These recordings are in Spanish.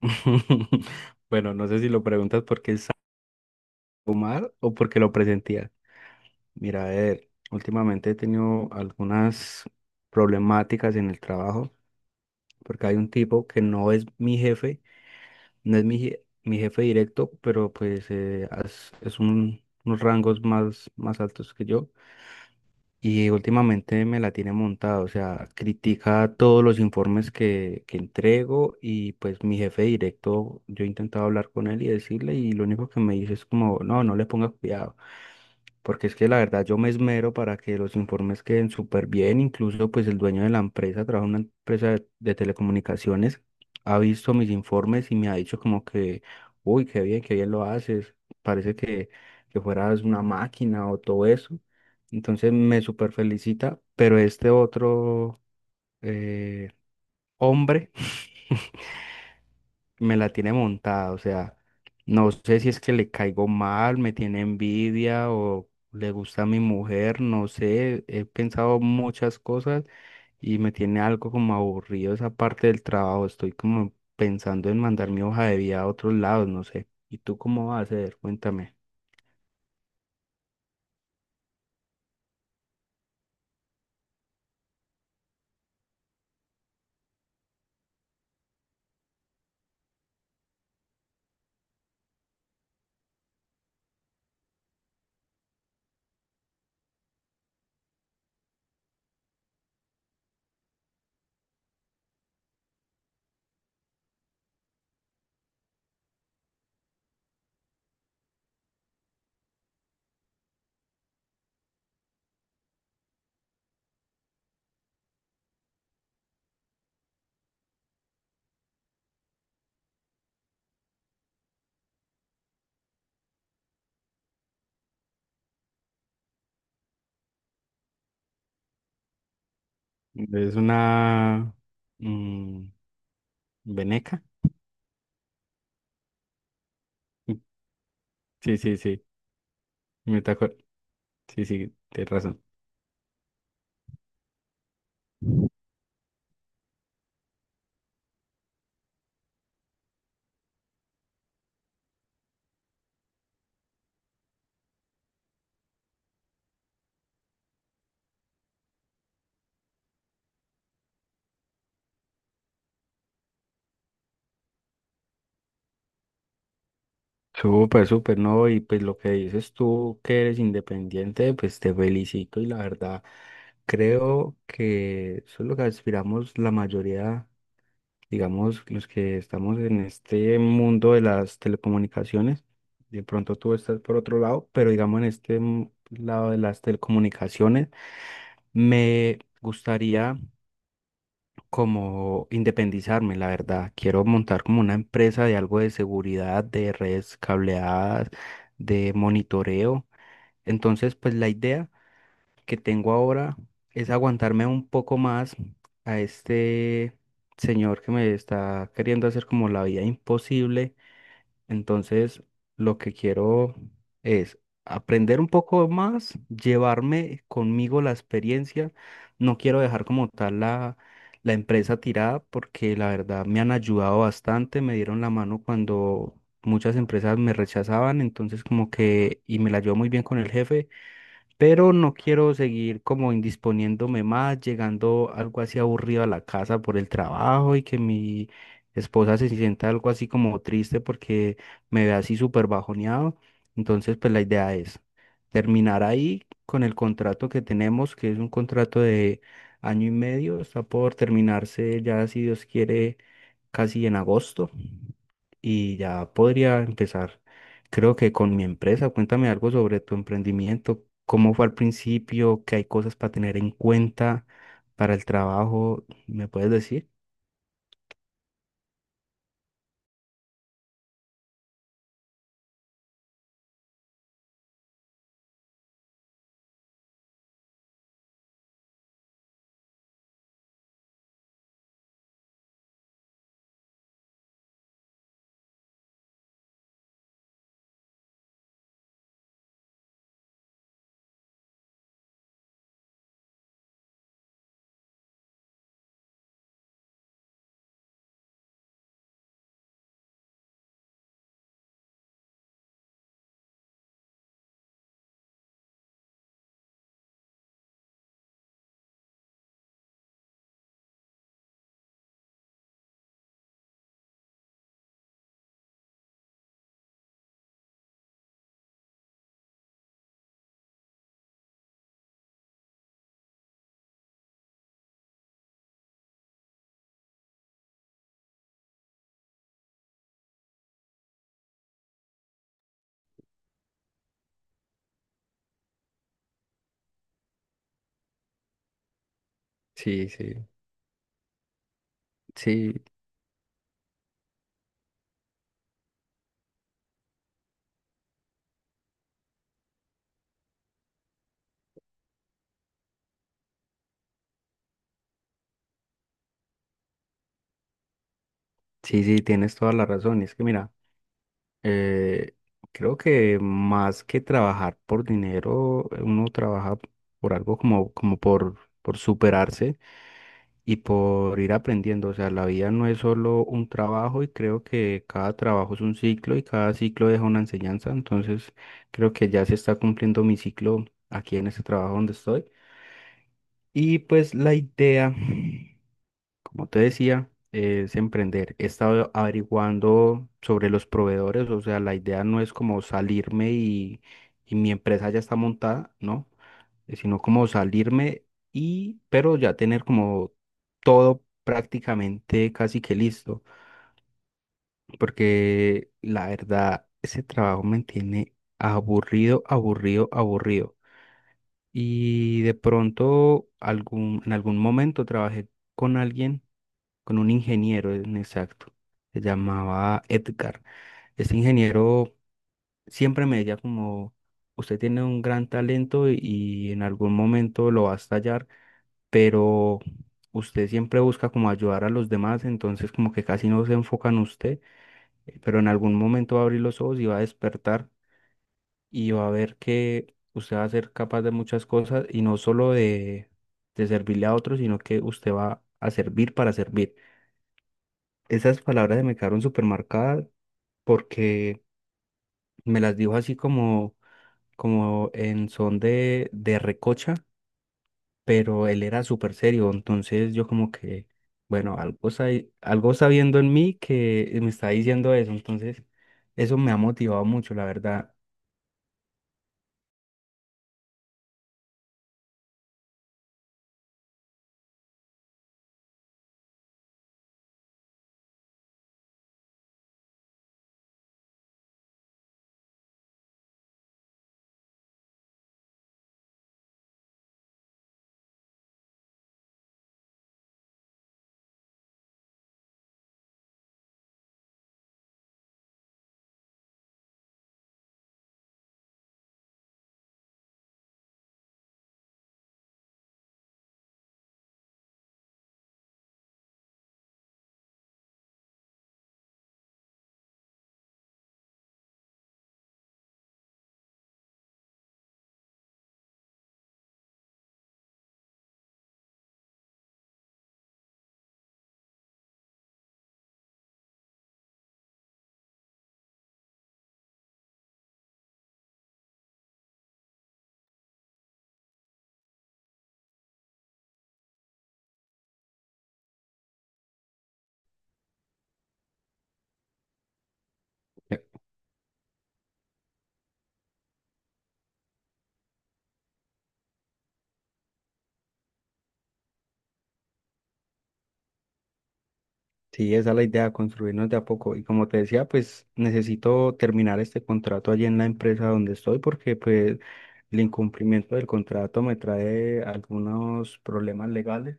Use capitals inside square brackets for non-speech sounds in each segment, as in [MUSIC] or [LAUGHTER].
[LAUGHS] Bueno, no sé si lo preguntas porque es algo mal o porque lo presentía. Mira, a ver, últimamente he tenido algunas problemáticas en el trabajo porque hay un tipo que no es mi jefe, no es mi jefe directo, pero pues es, unos rangos más altos que yo. Y últimamente me la tiene montada, o sea, critica todos los informes que entrego y pues mi jefe directo, yo he intentado hablar con él y decirle, y lo único que me dice es como, no, no le ponga cuidado, porque es que la verdad yo me esmero para que los informes queden súper bien. Incluso pues el dueño de la empresa, trabaja en una empresa de telecomunicaciones, ha visto mis informes y me ha dicho como que, uy, qué bien lo haces, parece que fueras una máquina o todo eso. Entonces me súper felicita, pero este otro eh, hombre me la tiene montada, o sea, no sé si es que le caigo mal, me tiene envidia o le gusta a mi mujer, no sé, he pensado muchas cosas y me tiene algo como aburrido esa parte del trabajo, estoy como pensando en mandar mi hoja de vida a otros lados, no sé. ¿Y tú cómo vas a hacer? Cuéntame. Es una mm, veneca. [LAUGHS] Sí, sí, sí, me está acuer- sí, sí, tienes razón. Súper, súper, ¿no? Y pues lo que dices tú que eres independiente, pues te felicito, y la verdad creo que eso es lo que aspiramos la mayoría, digamos, los que estamos en este mundo de las telecomunicaciones. De pronto tú estás por otro lado, pero digamos en este lado de las telecomunicaciones, me gustaría como independizarme, la verdad. Quiero montar como una empresa de algo de seguridad, de redes cableadas, de monitoreo. Entonces, pues la idea que tengo ahora es aguantarme un poco más a este señor que me está queriendo hacer como la vida imposible. Entonces, lo que quiero es aprender un poco más, llevarme conmigo la experiencia. No quiero dejar como tal la empresa tirada porque la verdad me han ayudado bastante, me dieron la mano cuando muchas empresas me rechazaban, entonces como que, y me la llevo muy bien con el jefe, pero no quiero seguir como indisponiéndome más, llegando algo así aburrido a la casa por el trabajo y que mi esposa se sienta algo así como triste porque me ve así súper bajoneado. Entonces, pues la idea es terminar ahí con el contrato que tenemos, que es un contrato de año y medio, está por terminarse ya, si Dios quiere casi en agosto, y ya podría empezar, creo que con mi empresa. Cuéntame algo sobre tu emprendimiento, cómo fue al principio, qué hay cosas para tener en cuenta para el trabajo, ¿me puedes decir? Sí, sí. Sí, sí, sí, tienes toda la razón. Es que mira, Eh, creo que más que trabajar por dinero, uno trabaja por algo como, como por superarse y por ir aprendiendo. O sea, la vida no es solo un trabajo, y creo que cada trabajo es un ciclo y cada ciclo deja una enseñanza. Entonces, creo que ya se está cumpliendo mi ciclo aquí en este trabajo donde estoy. Y pues la idea, como te decía, es emprender. He estado averiguando sobre los proveedores, o sea, la idea no es como salirme y mi empresa ya está montada, ¿no? Sino como salirme y, pero ya tener como todo prácticamente casi que listo, porque la verdad, ese trabajo me tiene aburrido, aburrido, aburrido. Y de pronto, en algún momento trabajé con alguien, con un ingeniero en exacto, se llamaba Edgar. Ese ingeniero siempre me decía como, usted tiene un gran talento y en algún momento lo va a estallar, pero usted siempre busca como ayudar a los demás, entonces como que casi no se enfoca en usted, pero en algún momento va a abrir los ojos y va a despertar y va a ver que usted va a ser capaz de muchas cosas y no solo de servirle a otros, sino que usted va a servir para servir. Esas palabras se me quedaron súper marcadas porque me las dijo así como, como en son de recocha, pero él era súper serio, entonces yo como que, bueno, algo está viendo en mí que me está diciendo eso, entonces eso me ha motivado mucho, la verdad. Eh, Sí, esa es la idea, construirnos de a poco. Y como te decía, pues necesito terminar este contrato allí en la empresa donde estoy, porque pues el incumplimiento del contrato me trae algunos problemas legales.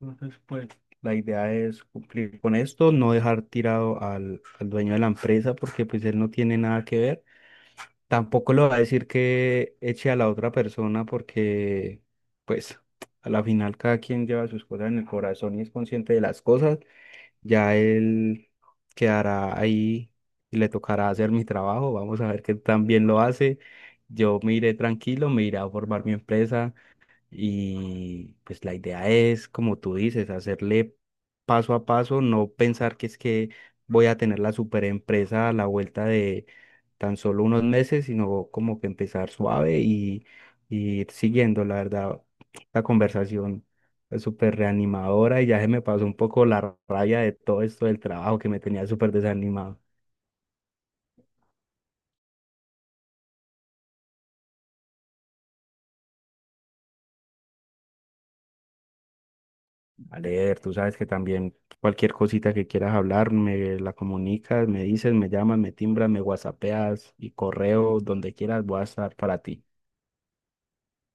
Entonces, pues la idea es cumplir con esto, no dejar tirado al dueño de la empresa porque pues él no tiene nada que ver. Tampoco le va a decir que eche a la otra persona, porque pues a la final cada quien lleva sus cosas en el corazón y es consciente de las cosas. Ya él quedará ahí y le tocará hacer mi trabajo. Vamos a ver qué tan bien lo hace. Yo me iré tranquilo, me iré a formar mi empresa, y pues la idea es, como tú dices, hacerle paso a paso, no pensar que es que voy a tener la super empresa a la vuelta de tan solo unos meses, sino como que empezar suave y ir siguiendo. La verdad, la conversación es súper reanimadora y ya se me pasó un poco la rabia de todo esto del trabajo que me tenía súper desanimado. A leer. Tú sabes que también cualquier cosita que quieras hablar, me la comunicas, me dices, me llamas, me timbras, me whatsappeas y correo, donde quieras, voy a estar para ti.